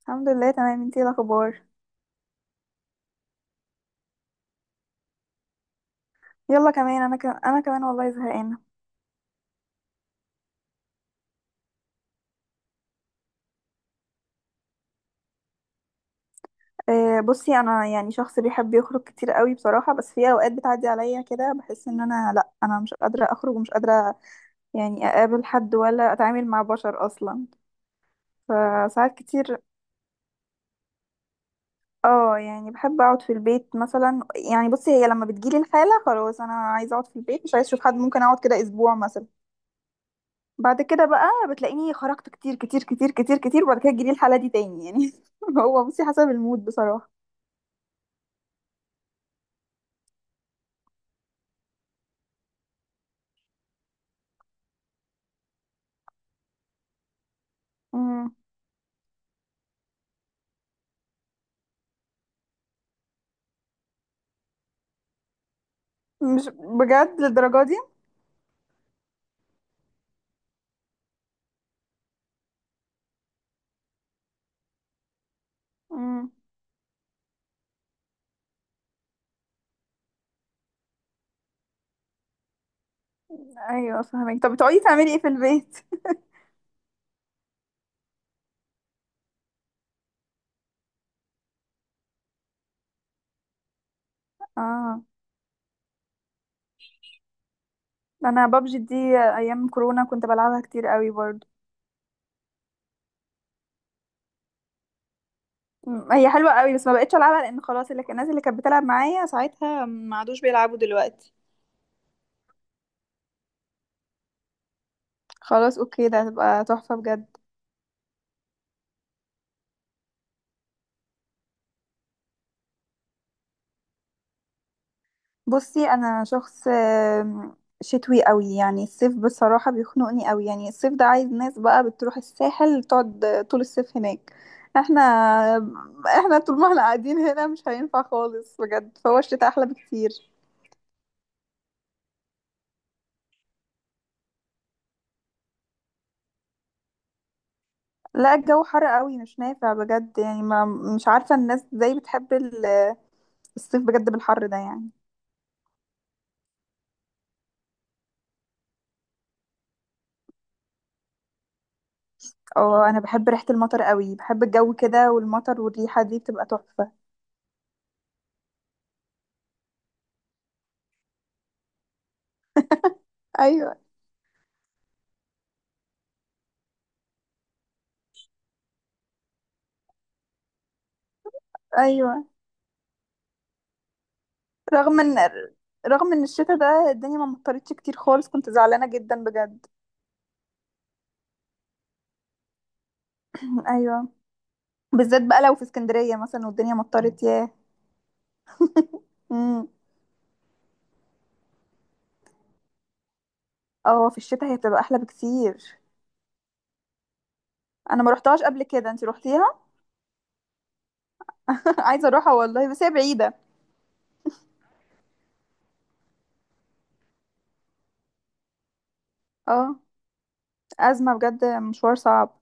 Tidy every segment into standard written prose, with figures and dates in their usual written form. الحمد لله، تمام. انتي ايه الاخبار؟ يلا كمان، انا كمان والله زهقانه. بصي، انا يعني شخص بيحب يخرج كتير قوي بصراحه، بس في اوقات بتعدي عليا كده بحس ان انا، لا، انا مش قادره اخرج ومش قادره يعني اقابل حد ولا اتعامل مع بشر اصلا، فساعات كتير. اه، يعني بحب اقعد في البيت مثلا. يعني بصي، هي لما بتجيلي الحاله خلاص انا عايزه اقعد في البيت، مش عايزه اشوف حد، ممكن اقعد كده اسبوع مثلا. بعد كده بقى بتلاقيني خرجت كتير كتير كتير كتير كتير، وبعد كده تجيلي الحاله دي تاني يعني هو بصي حسب المود بصراحه. مم. مش بجد للدرجة دي. مم. ايوه، فهمك. طب بتقعدي تعملي ايه في البيت؟ اه، انا بابجي دي ايام كورونا كنت بلعبها كتير قوي برضو. مم. هي حلوة قوي، بس ما بقتش العبها لان خلاص الناس اللي كانت بتلعب معايا ساعتها ما عادوش بيلعبوا دلوقتي. خلاص، اوكي، ده هتبقى تحفة بجد. بصي انا شخص شتوي قوي، يعني الصيف بصراحة بيخنقني قوي. يعني الصيف ده عايز ناس بقى بتروح الساحل تقعد طول الصيف هناك، احنا احنا طول ما احنا قاعدين هنا مش هينفع خالص بجد، فهو الشتاء احلى بكتير. لا، الجو حر قوي، مش نافع بجد، يعني ما مش عارفة الناس ازاي بتحب الصيف بجد بالحر ده يعني. اه، انا بحب ريحة المطر قوي، بحب الجو كده، والمطر والريحة دي بتبقى تحفة. ايوه، ايوه. رغم ان رغم ان الشتاء ده الدنيا ما مطرتش كتير خالص، كنت زعلانة جدا بجد. ايوه، بالذات بقى لو في اسكندرية مثلا والدنيا مطرت، ياه. امم. اه، في الشتاء هي بتبقى احلى بكتير. انا ما روحتهاش قبل كده، انتي روحتيها؟ عايزة اروحها والله بس هي بعيدة. اه، ازمة بجد، مشوار صعب.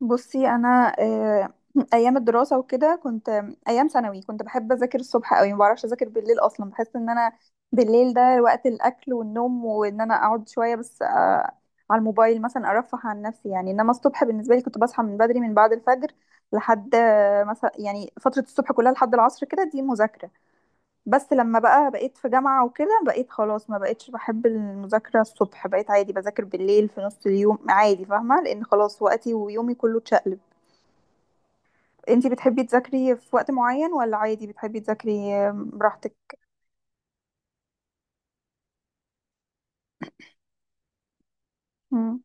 بصي انا ايام الدراسه وكده كنت ايام ثانوي كنت بحب اذاكر الصبح قوي، ما بعرفش اذاكر بالليل اصلا. بحس ان انا بالليل ده وقت الاكل والنوم، وان انا اقعد شويه بس على الموبايل مثلا ارفه عن نفسي يعني. انما الصبح بالنسبه لي كنت بصحى من بدري من بعد الفجر لحد مثلا، يعني فتره الصبح كلها لحد العصر كده دي مذاكره. بس لما بقى بقيت في جامعه وكده بقيت خلاص ما بقيتش بحب المذاكره الصبح، بقيت عادي بذاكر بالليل في نص اليوم عادي، فاهمه، لان خلاص وقتي ويومي كله اتشقلب. انتي بتحبي تذاكري في وقت معين ولا عادي بتحبي تذاكري براحتك؟ مم.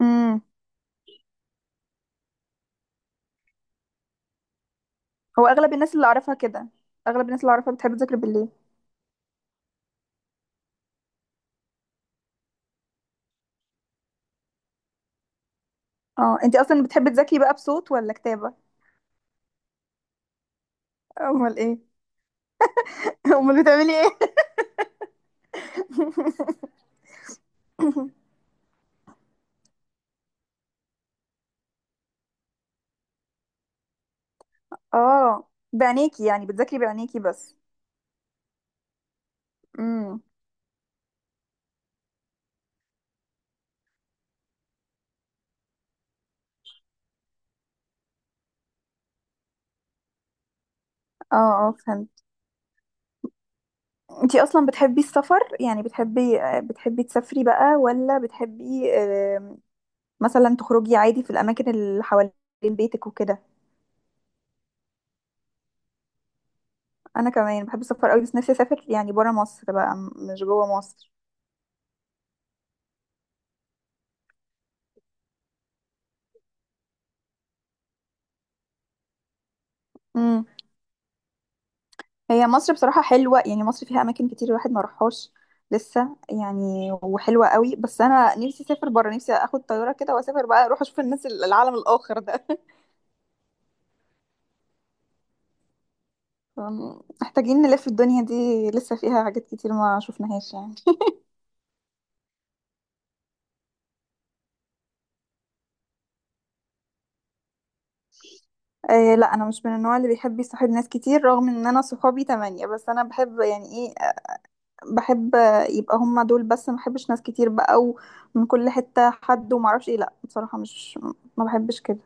مم. هو اغلب الناس اللي اعرفها كده، اغلب الناس اللي اعرفها بتحب تذاكري بالليل. اه، انتي اصلا بتحبي تذاكري بقى بصوت ولا كتابة؟ امال ايه؟ امال بتعملي ايه؟ اه، بعينيكي؟ يعني بتذاكري بعينيكي بس؟ امم. اه، اه، فهمت. انتي اصلا بتحبي السفر؟ يعني بتحبي تسافري بقى ولا بتحبي مثلا تخرجي عادي في الاماكن اللي حوالين بيتك وكده؟ انا كمان بحب السفر قوي، بس نفسي اسافر يعني برا مصر بقى، مش جوه مصر. امم. هي مصر بصراحه حلوه، يعني مصر فيها اماكن كتير الواحد ما راحهاش لسه يعني، وحلوه قوي، بس انا نفسي اسافر برا. نفسي اخد طياره كده واسافر بقى، اروح اشوف الناس العالم الاخر ده محتاجين نلف الدنيا دي، لسه فيها حاجات كتير ما شفناهاش يعني. آه، لا، انا مش من النوع اللي بيحب يصاحب ناس كتير، رغم ان انا صحابي 8، بس انا بحب، يعني إيه، بحب يبقى هما دول بس. ما بحبش ناس كتير بقى، ومن كل حتة حد وما اعرفش ايه، لا، بصراحة، مش ما بحبش كده.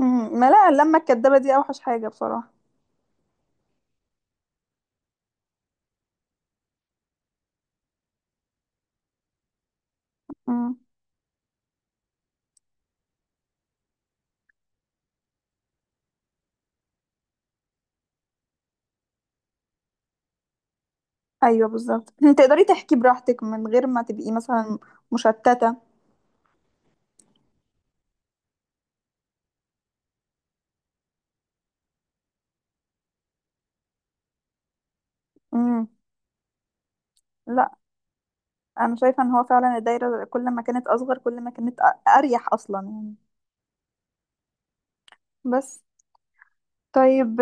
امم. ما، لا، اللمة الكدابة دي اوحش حاجة بصراحة. امم. ايوه بالظبط تقدري تحكي براحتك من غير ما تبقي مثلا مشتتة. امم. لا، انا شايفة ان هو فعلا الدايرة كل ما كانت اصغر كل ما كانت اريح اصلا يعني. بس، طيب،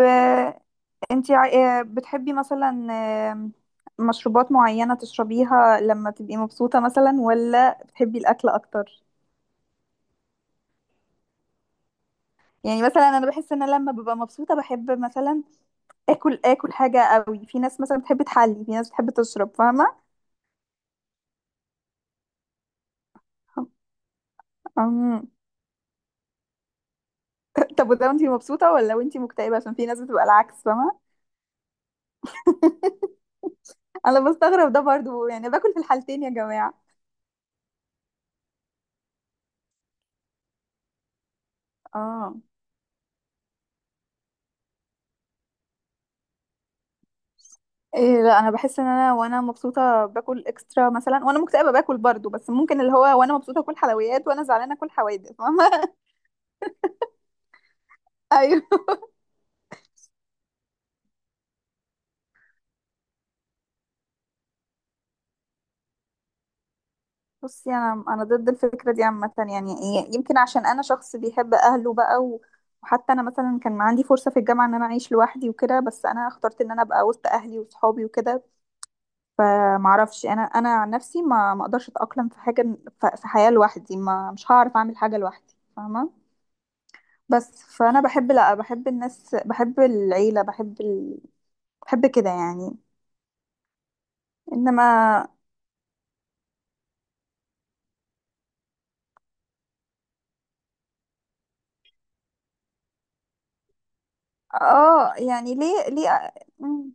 انتي بتحبي مثلا، آم، مشروبات معينة تشربيها لما تبقي مبسوطة مثلا ولا بتحبي الأكل أكتر؟ يعني مثلا أنا بحس إن أنا لما ببقى مبسوطة بحب مثلا آكل حاجة قوي. في ناس مثلا بتحب تحلي، في ناس بتحب تشرب، فاهمة؟ أم، طب، وده وانتي مبسوطة ولا وانتي مكتئبة؟ عشان في ناس بتبقى العكس، فاهمة؟ أنا بستغرب ده برضو، يعني باكل في الحالتين يا جماعة. اه، إيه، لا، انا بحس ان انا وانا مبسوطه باكل اكسترا مثلا، وانا مكتئبه باكل برضو، بس ممكن اللي هو وانا مبسوطه اكل حلويات وانا زعلانه اكل حوادق، فاهمه ايوه. بصي انا ضد الفكره دي عامه، يعني يمكن عشان انا شخص بيحب اهله بقى وحتى انا مثلا كان عندي فرصه في الجامعه ان انا اعيش لوحدي وكده، بس انا اخترت ان انا ابقى وسط اهلي وصحابي وكده. فمعرفش انا عن نفسي ما اقدرش اتاقلم في حاجه، في حياه لوحدي، ما مش هعرف اعمل حاجه لوحدي فاهمه. بس فانا بحب، لا، بحب الناس، بحب العيله، بحب كده يعني. انما اه، يعني ليه؟ مم.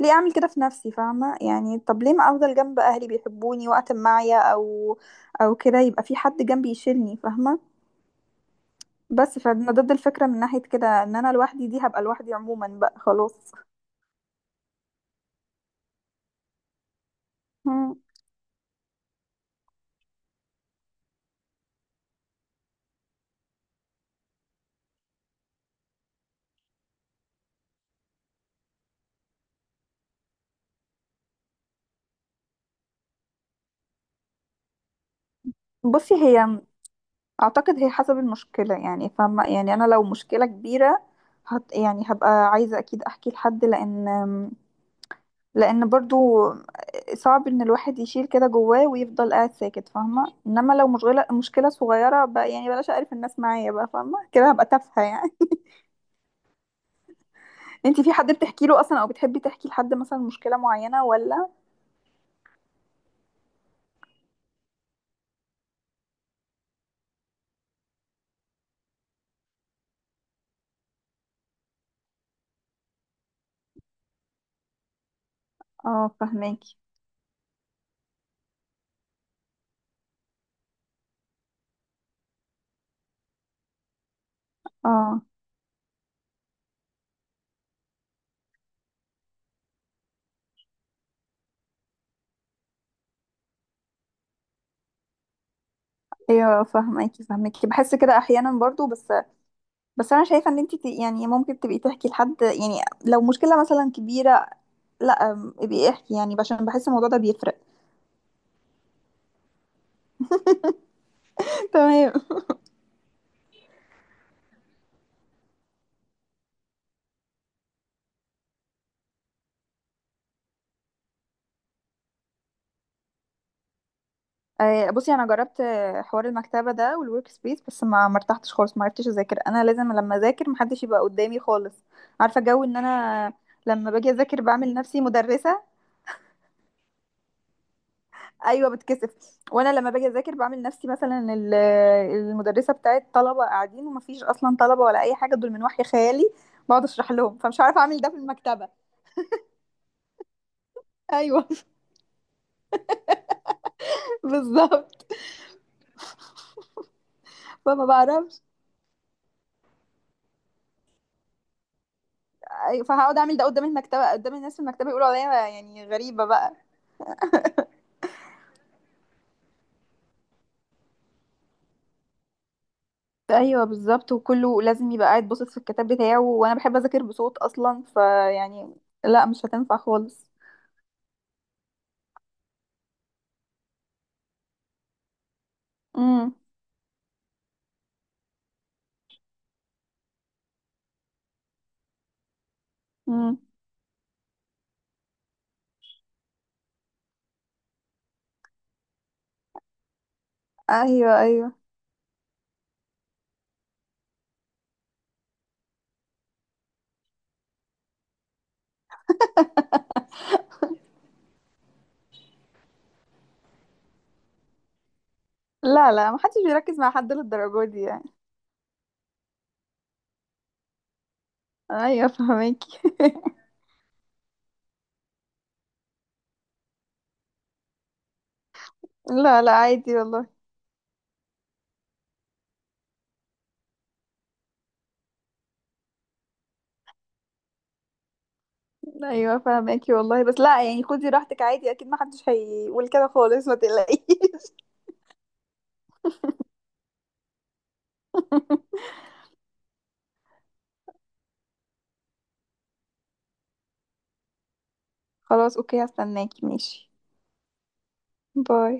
ليه اعمل كده في نفسي فاهمه؟ يعني طب ليه ما افضل جنب اهلي، بيحبوني وقت ما معايا او كده يبقى في حد جنبي يشيلني فاهمه. بس فانا ضد الفكره من ناحيه كده، ان انا لوحدي دي هبقى لوحدي عموما بقى خلاص. مم. بصي هي، اعتقد هي حسب المشكله، يعني فاهمه، يعني انا لو مشكله كبيره هت يعني هبقى عايزه اكيد احكي لحد، لان برضو صعب ان الواحد يشيل كده جواه ويفضل قاعد ساكت فاهمه. انما لو مشغله مشكله صغيره بقى، يعني بلاش اعرف الناس معايا بقى، فاهمه كده هبقى تافهه يعني انتي في حد بتحكي له اصلا؟ او بتحبي تحكي لحد مثلا مشكله معينه ولا؟ اه، فهماكي. اه، ايوه فهماكي بحس كده احيانا برضو، بس بس انا شايفه ان انت يعني ممكن تبقي تحكي لحد يعني لو مشكله مثلا كبيره. لا، ابقي احكي يعني، عشان بحس الموضوع ده بيفرق. تمام. بصي انا جربت حوار المكتبه ده والورك سبيس، بس ما مرتحتش خالص، ما عرفتش اذاكر. انا لازم لما اذاكر محدش يبقى قدامي خالص، عارفه جو ان انا لما باجي اذاكر بعمل نفسي مدرسه. ايوه، بتكسف، وانا لما باجي اذاكر بعمل نفسي مثلا المدرسه بتاعت طلبه قاعدين، ومفيش اصلا طلبه ولا اي حاجه، دول من وحي خيالي، بقعد اشرح لهم، فمش عارفه اعمل ده في المكتبه. ايوه بالظبط، فما بعرفش. أيوة، فهقعد اعمل ده قدام المكتبه قدام الناس في المكتبه، يقولوا عليا يعني غريبه بقى. ايوه بالظبط، وكله لازم يبقى قاعد باصص في الكتاب بتاعه، وانا بحب اذاكر بصوت اصلا، فيعني لا، مش هتنفع خالص. امم. امم. ايوه، ايوه. لا، لا، ما حدش بيركز مع حد للدرجه دي يعني. ايوه، فهماكي لا، لا، عادي والله. ايوه فهماكي والله، بس لا يعني خدي راحتك عادي، اكيد ما حدش هيقول كده خالص، ما تقلقيش. خلاص، اوكي، هستناكي، ماشي. باي.